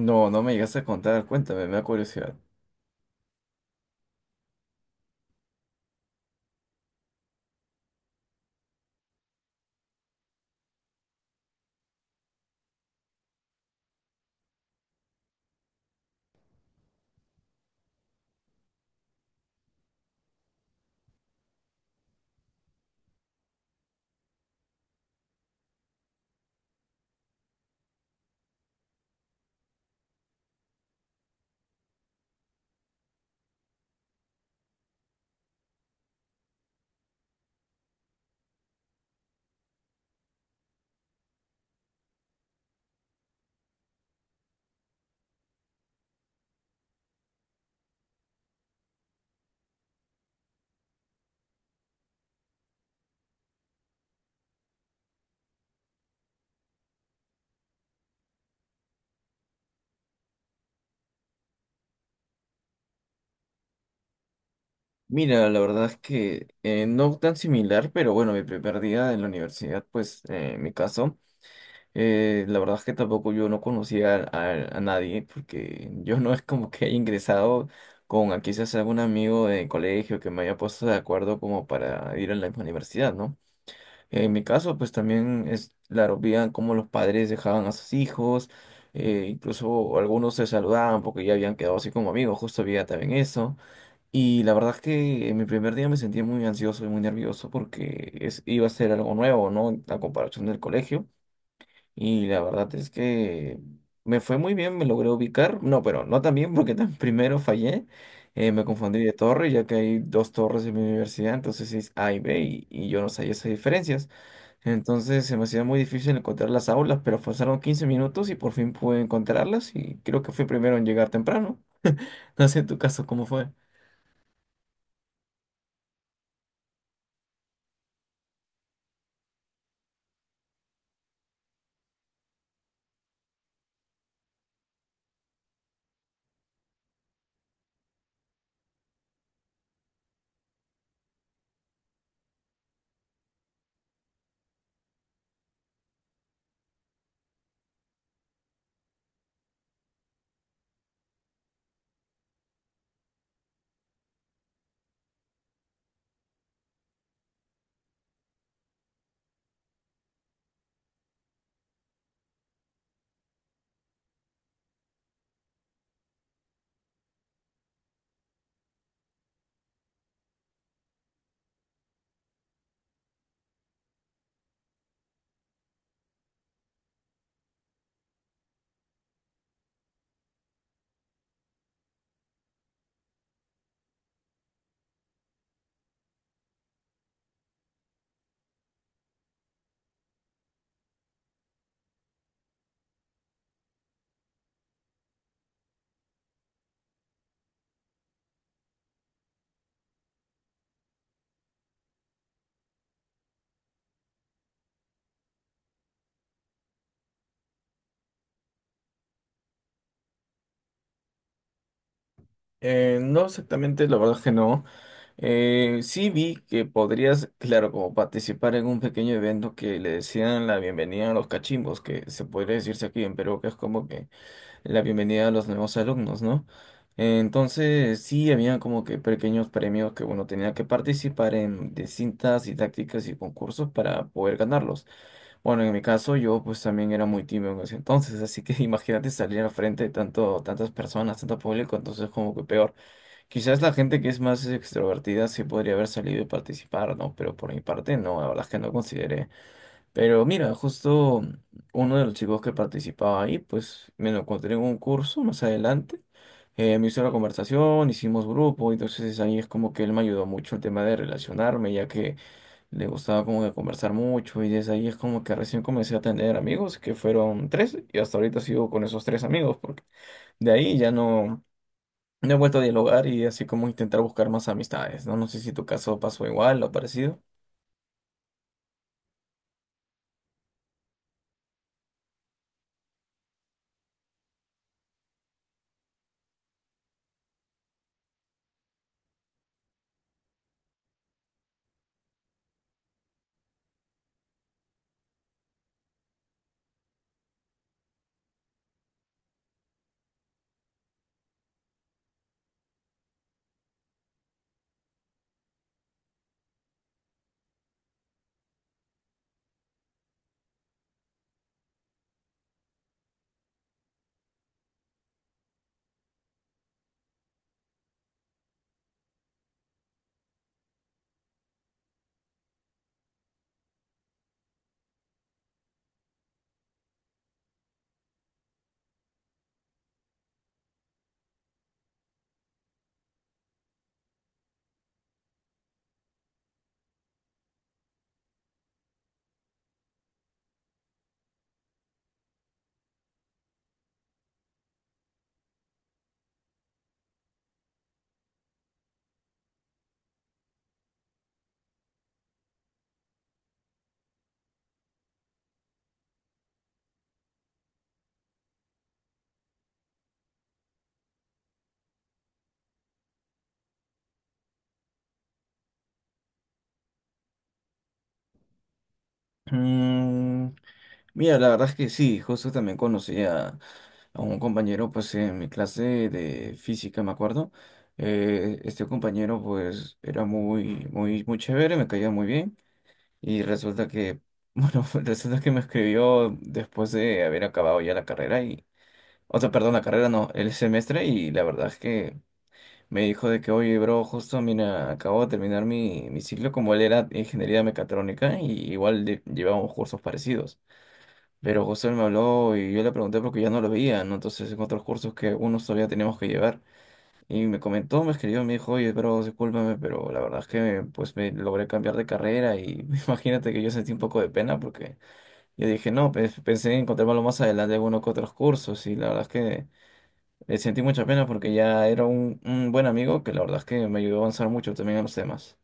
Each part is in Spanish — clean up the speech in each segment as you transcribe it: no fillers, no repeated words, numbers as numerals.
No, no me llegaste a contar, cuéntame, me da curiosidad. Mira, la verdad es que no tan similar, pero bueno, mi primer día en la universidad, pues en mi caso, la verdad es que tampoco yo no conocía a nadie, porque yo no es como que haya ingresado con a quizás algún amigo de colegio que me haya puesto de acuerdo como para ir a la misma universidad, ¿no? En mi caso, pues también es, claro, veían cómo los padres dejaban a sus hijos, incluso algunos se saludaban porque ya habían quedado así como amigos, justo había también eso. Y la verdad es que en mi primer día me sentí muy ansioso y muy nervioso porque es, iba a ser algo nuevo, ¿no? La comparación del colegio. Y la verdad es que me fue muy bien, me logré ubicar. No, pero no tan bien porque tan primero fallé. Me confundí de torre, ya que hay dos torres en mi universidad, entonces es A y B, y yo no sabía esas diferencias. Entonces se me hacía muy difícil encontrar las aulas, pero pasaron 15 minutos y por fin pude encontrarlas y creo que fui primero en llegar temprano. No sé en tu caso cómo fue. No exactamente, la verdad es que no. Sí vi que podrías, claro, como participar en un pequeño evento que le decían la bienvenida a los cachimbos, que se podría decirse aquí en Perú, que es como que la bienvenida a los nuevos alumnos, ¿no? Entonces, sí, había como que pequeños premios que, bueno, tenía que participar en distintas didácticas y concursos para poder ganarlos. Bueno, en mi caso, yo pues también era muy tímido en ese entonces, así que imagínate salir al frente de tanto, tantas personas, tanto público, entonces como que peor. Quizás la gente que es más extrovertida sí podría haber salido y participar, ¿no? Pero por mi parte, no, la verdad es que no consideré. Pero mira, justo uno de los chicos que participaba ahí, pues me lo encontré en un curso más adelante. Me hizo la conversación, hicimos grupo, entonces ahí es como que él me ayudó mucho el tema de relacionarme, ya que le gustaba como que conversar mucho y desde ahí es como que recién comencé a tener amigos, que fueron tres, y hasta ahorita sigo con esos tres amigos, porque de ahí ya no, no he vuelto a dialogar y así como intentar buscar más amistades, ¿no? No sé si tu caso pasó igual o parecido. Mm, mira, la verdad es que sí, justo también conocí a un compañero pues en mi clase de física, me acuerdo. Este compañero pues era muy, muy, muy chévere, me caía muy bien y resulta que, bueno, resulta que me escribió después de haber acabado ya la carrera y, o sea, perdón, la carrera no, el semestre, y la verdad es que me dijo de que, oye, bro, justo, mira, acabo de terminar mi, mi ciclo, como él era ingeniería mecatrónica y igual de- llevábamos cursos parecidos. Pero José me habló y yo le pregunté porque ya no lo veía, ¿no? Entonces, en otros cursos que unos todavía teníamos que llevar. Y me comentó, me escribió, me dijo, oye, pero discúlpame, pero la verdad es que pues me logré cambiar de carrera y imagínate que yo sentí un poco de pena porque yo dije, no, pues, pensé en encontrármelo más adelante en algunos que otros cursos y la verdad es que sentí mucha pena porque ya era un buen amigo que la verdad es que me ayudó a avanzar mucho también en los temas.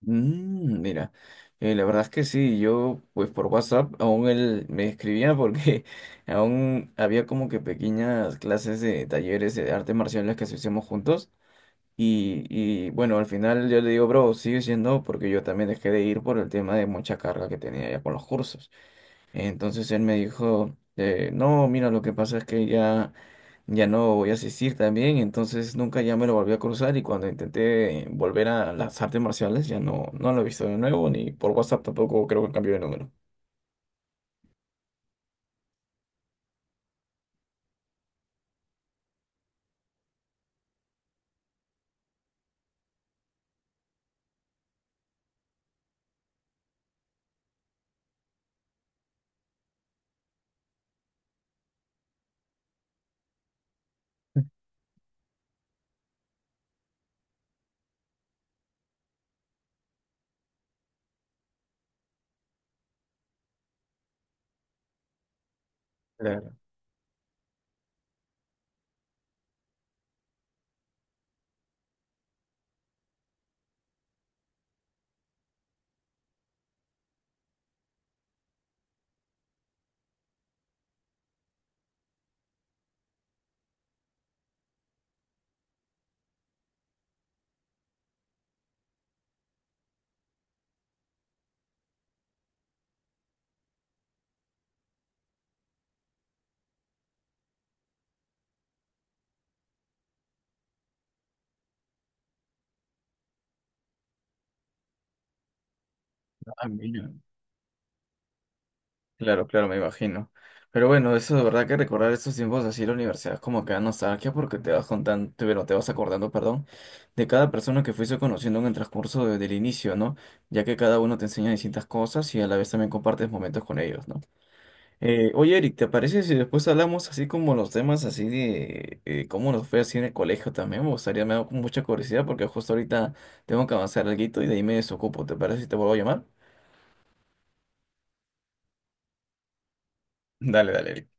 Mm, mira, la verdad es que sí, yo pues por WhatsApp aún él me escribía porque aún había como que pequeñas clases de talleres de artes marciales que sí hacíamos juntos y bueno, al final yo le digo, bro, sigue siendo porque yo también dejé de ir por el tema de mucha carga que tenía ya con los cursos. Entonces él me dijo, no, mira, lo que pasa es que ya no voy a asistir también, entonces nunca ya me lo volví a cruzar y cuando intenté volver a las artes marciales ya no, no lo he visto de nuevo, ni por WhatsApp tampoco creo que cambió de número. Claro. Ah, mira. Claro, claro, me imagino. Pero bueno, eso de verdad que recordar estos tiempos así en la universidad es como que da nostalgia porque te vas contando, te, bueno, te vas acordando, perdón, de cada persona que fuiste conociendo en el transcurso de- del inicio, ¿no? Ya que cada uno te enseña distintas cosas y a la vez también compartes momentos con ellos, ¿no? Oye, Eric, ¿te parece si después hablamos así como los temas así de cómo nos fue así en el colegio también? Me gustaría, me da con mucha curiosidad porque justo ahorita tengo que avanzar alguito y de ahí me desocupo. ¿Te parece si te vuelvo a llamar? Dale, dale, Eric.